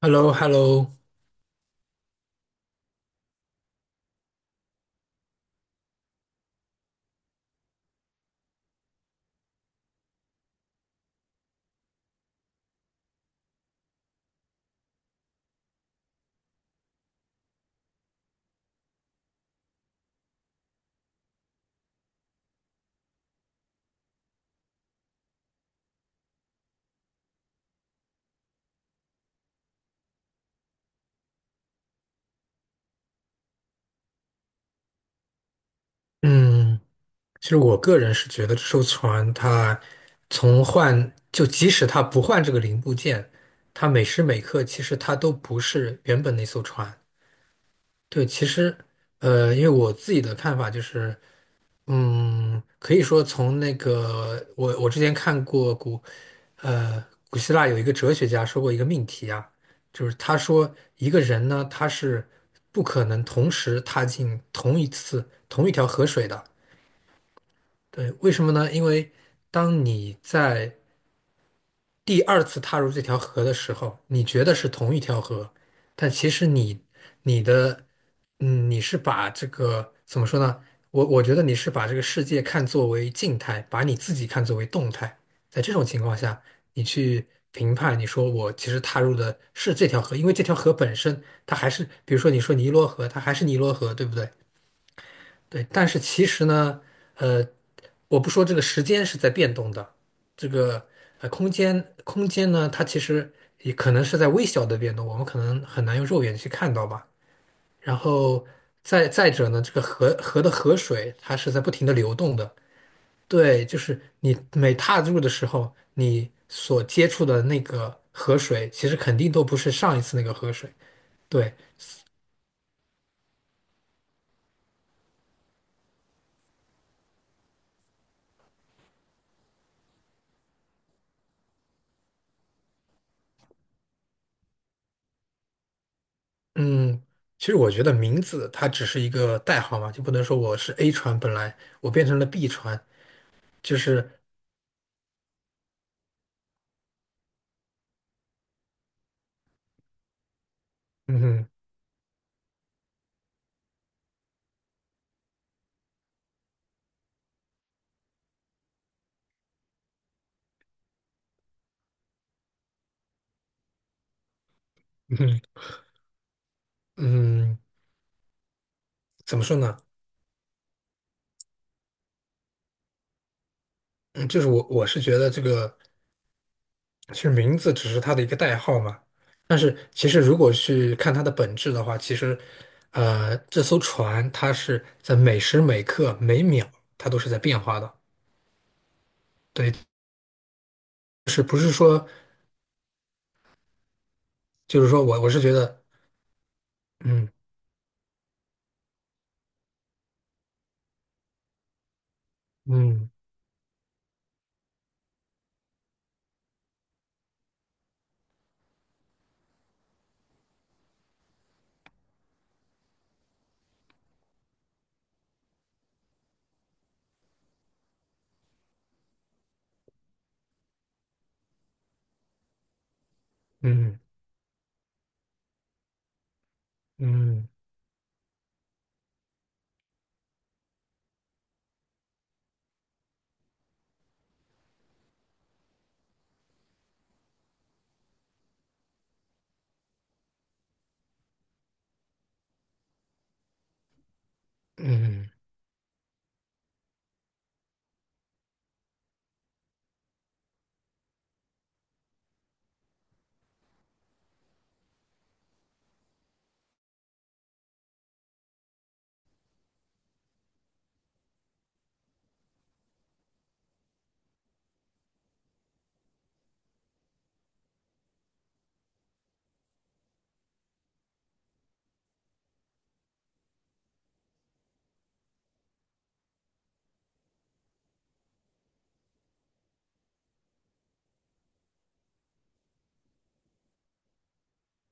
h e l l o h e l l o 嗯，其实我个人是觉得这艘船它从换，就即使它不换这个零部件，它每时每刻其实它都不是原本那艘船。对，其实因为我自己的看法就是，可以说从那个我之前看过古，呃，古希腊有一个哲学家说过一个命题啊，就是他说一个人呢，他是不可能同时踏进同一次同一条河水的。对，为什么呢？因为当你在第二次踏入这条河的时候，你觉得是同一条河，但其实你你的嗯，你是把这个怎么说呢？我觉得你是把这个世界看作为静态，把你自己看作为动态。在这种情况下，你去评判，你说我其实踏入的是这条河，因为这条河本身它还是，比如说你说尼罗河，它还是尼罗河，对不对？对，但是其实呢，呃，我不说这个时间是在变动的，这个空间呢，它其实也可能是在微小的变动，我们可能很难用肉眼去看到吧。然后再者呢，这个河的河水它是在不停的流动的，对，就是你每踏入的时候，你所接触的那个河水，其实肯定都不是上一次那个河水。对，嗯，其实我觉得名字它只是一个代号嘛，就不能说我是 A 船，本来我变成了 B 船，就是嗯哼。嗯哼。嗯，怎么说呢？嗯，就是我是觉得这个其实名字只是它的一个代号嘛，但是其实如果去看它的本质的话，其实这艘船它是在每时每刻每秒它都是在变化的，对，就是不是说就是说我是觉得嗯嗯嗯嗯嗯。嗯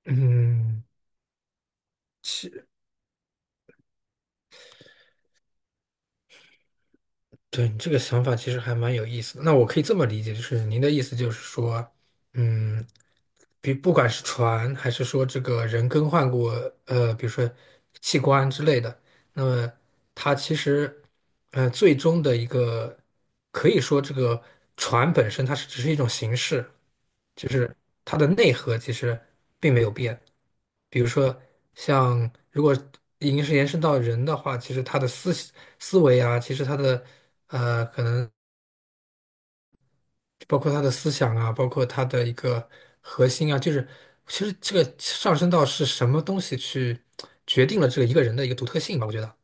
嗯，其对你这个想法其实还蛮有意思的。那我可以这么理解，就是您的意思就是说，嗯，比不管是船还是说这个人更换过，比如说器官之类的，那么它其实，最终的一个可以说这个船本身它是只是一种形式，就是它的内核其实并没有变。比如说，像如果已经是延伸到人的话，其实他的思维啊，其实他的可能包括他的思想啊，包括他的一个核心啊，就是其实这个上升到是什么东西去决定了这个一个人的一个独特性吧，我觉得。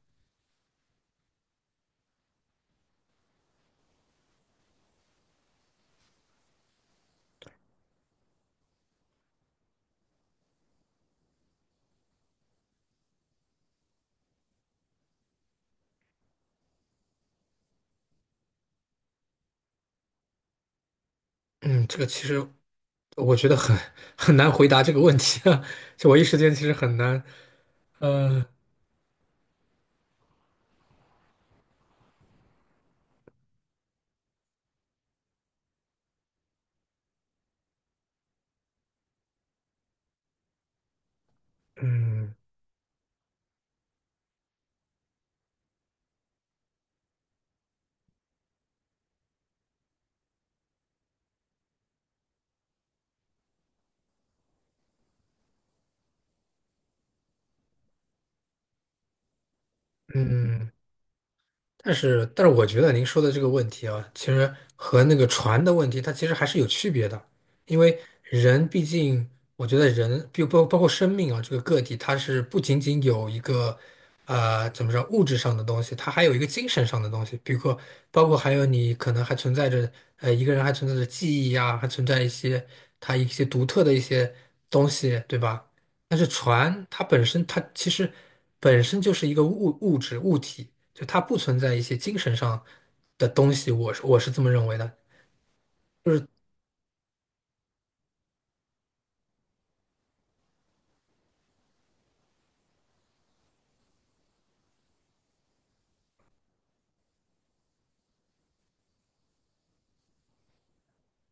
嗯，这个其实我觉得很很难回答这个问题啊，就我一时间其实很难，呃，嗯嗯。但是，但是我觉得您说的这个问题啊，其实和那个船的问题，它其实还是有区别的，因为人毕竟，我觉得人，比包括生命啊，这个个体，它是不仅仅有一个，怎么说，物质上的东西，它还有一个精神上的东西，比如说，包括还有你可能还存在着，一个人还存在着记忆呀，还存在一些他一些独特的一些东西，对吧？但是船它本身，它其实本身就是一个物质物体，就它不存在一些精神上的东西，我是这么认为的。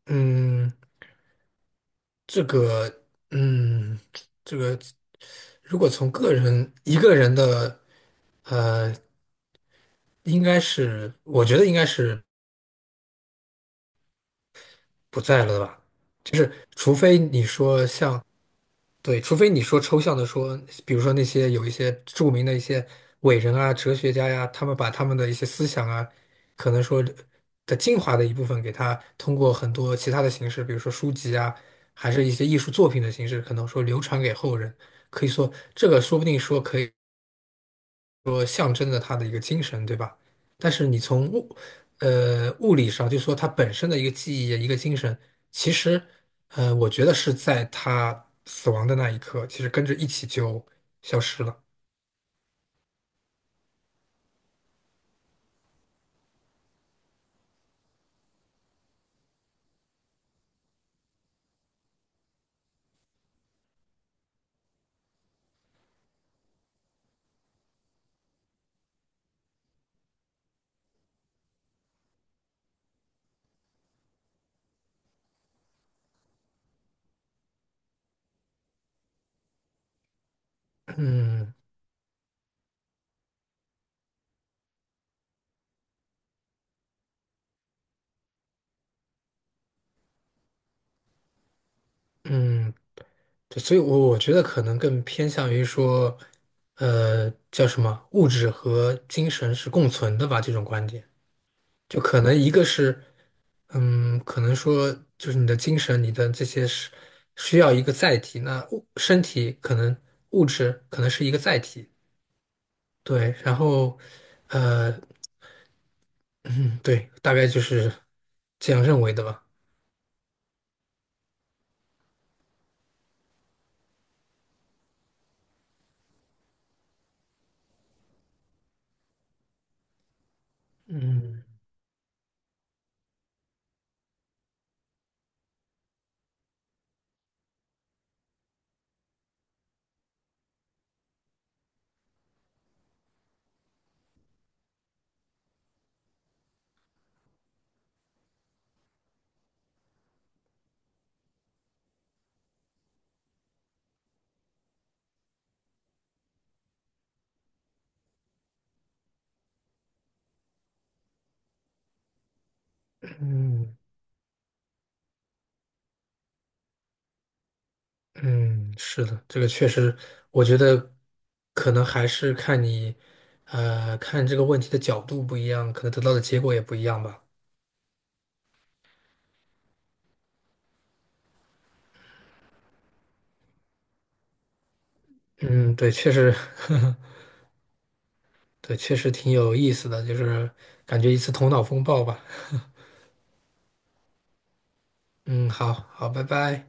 嗯，这个，嗯，这个，如果从个人一个人的，呃，应该是，我觉得应该是不在了吧？就是除非你说像。对，除非你说抽象的说，比如说那些有一些著名的一些伟人啊、哲学家呀，他们把他们的一些思想啊，可能说的精华的一部分，给他通过很多其他的形式，比如说书籍啊，还是一些艺术作品的形式，可能说流传给后人。可以说，这个说不定说可以。说象征着他的一个精神，对吧？但是你从物，物理上就说他本身的一个记忆、一个精神，其实，我觉得是在他死亡的那一刻，其实跟着一起就消失了。嗯嗯，对所以我觉得可能更偏向于说，叫什么，物质和精神是共存的吧，这种观点。就可能一个是嗯，可能说就是你的精神，你的这些是需要一个载体。那物身体可能物质可能是一个载体，对。然后，呃，嗯，对，大概就是这样认为的吧。嗯嗯嗯，是的，这个确实，我觉得可能还是看你，看这个问题的角度不一样，可能得到的结果也不一样吧。嗯，对，确实，对，确实挺有意思的，就是感觉一次头脑风暴吧。嗯，好好，拜拜。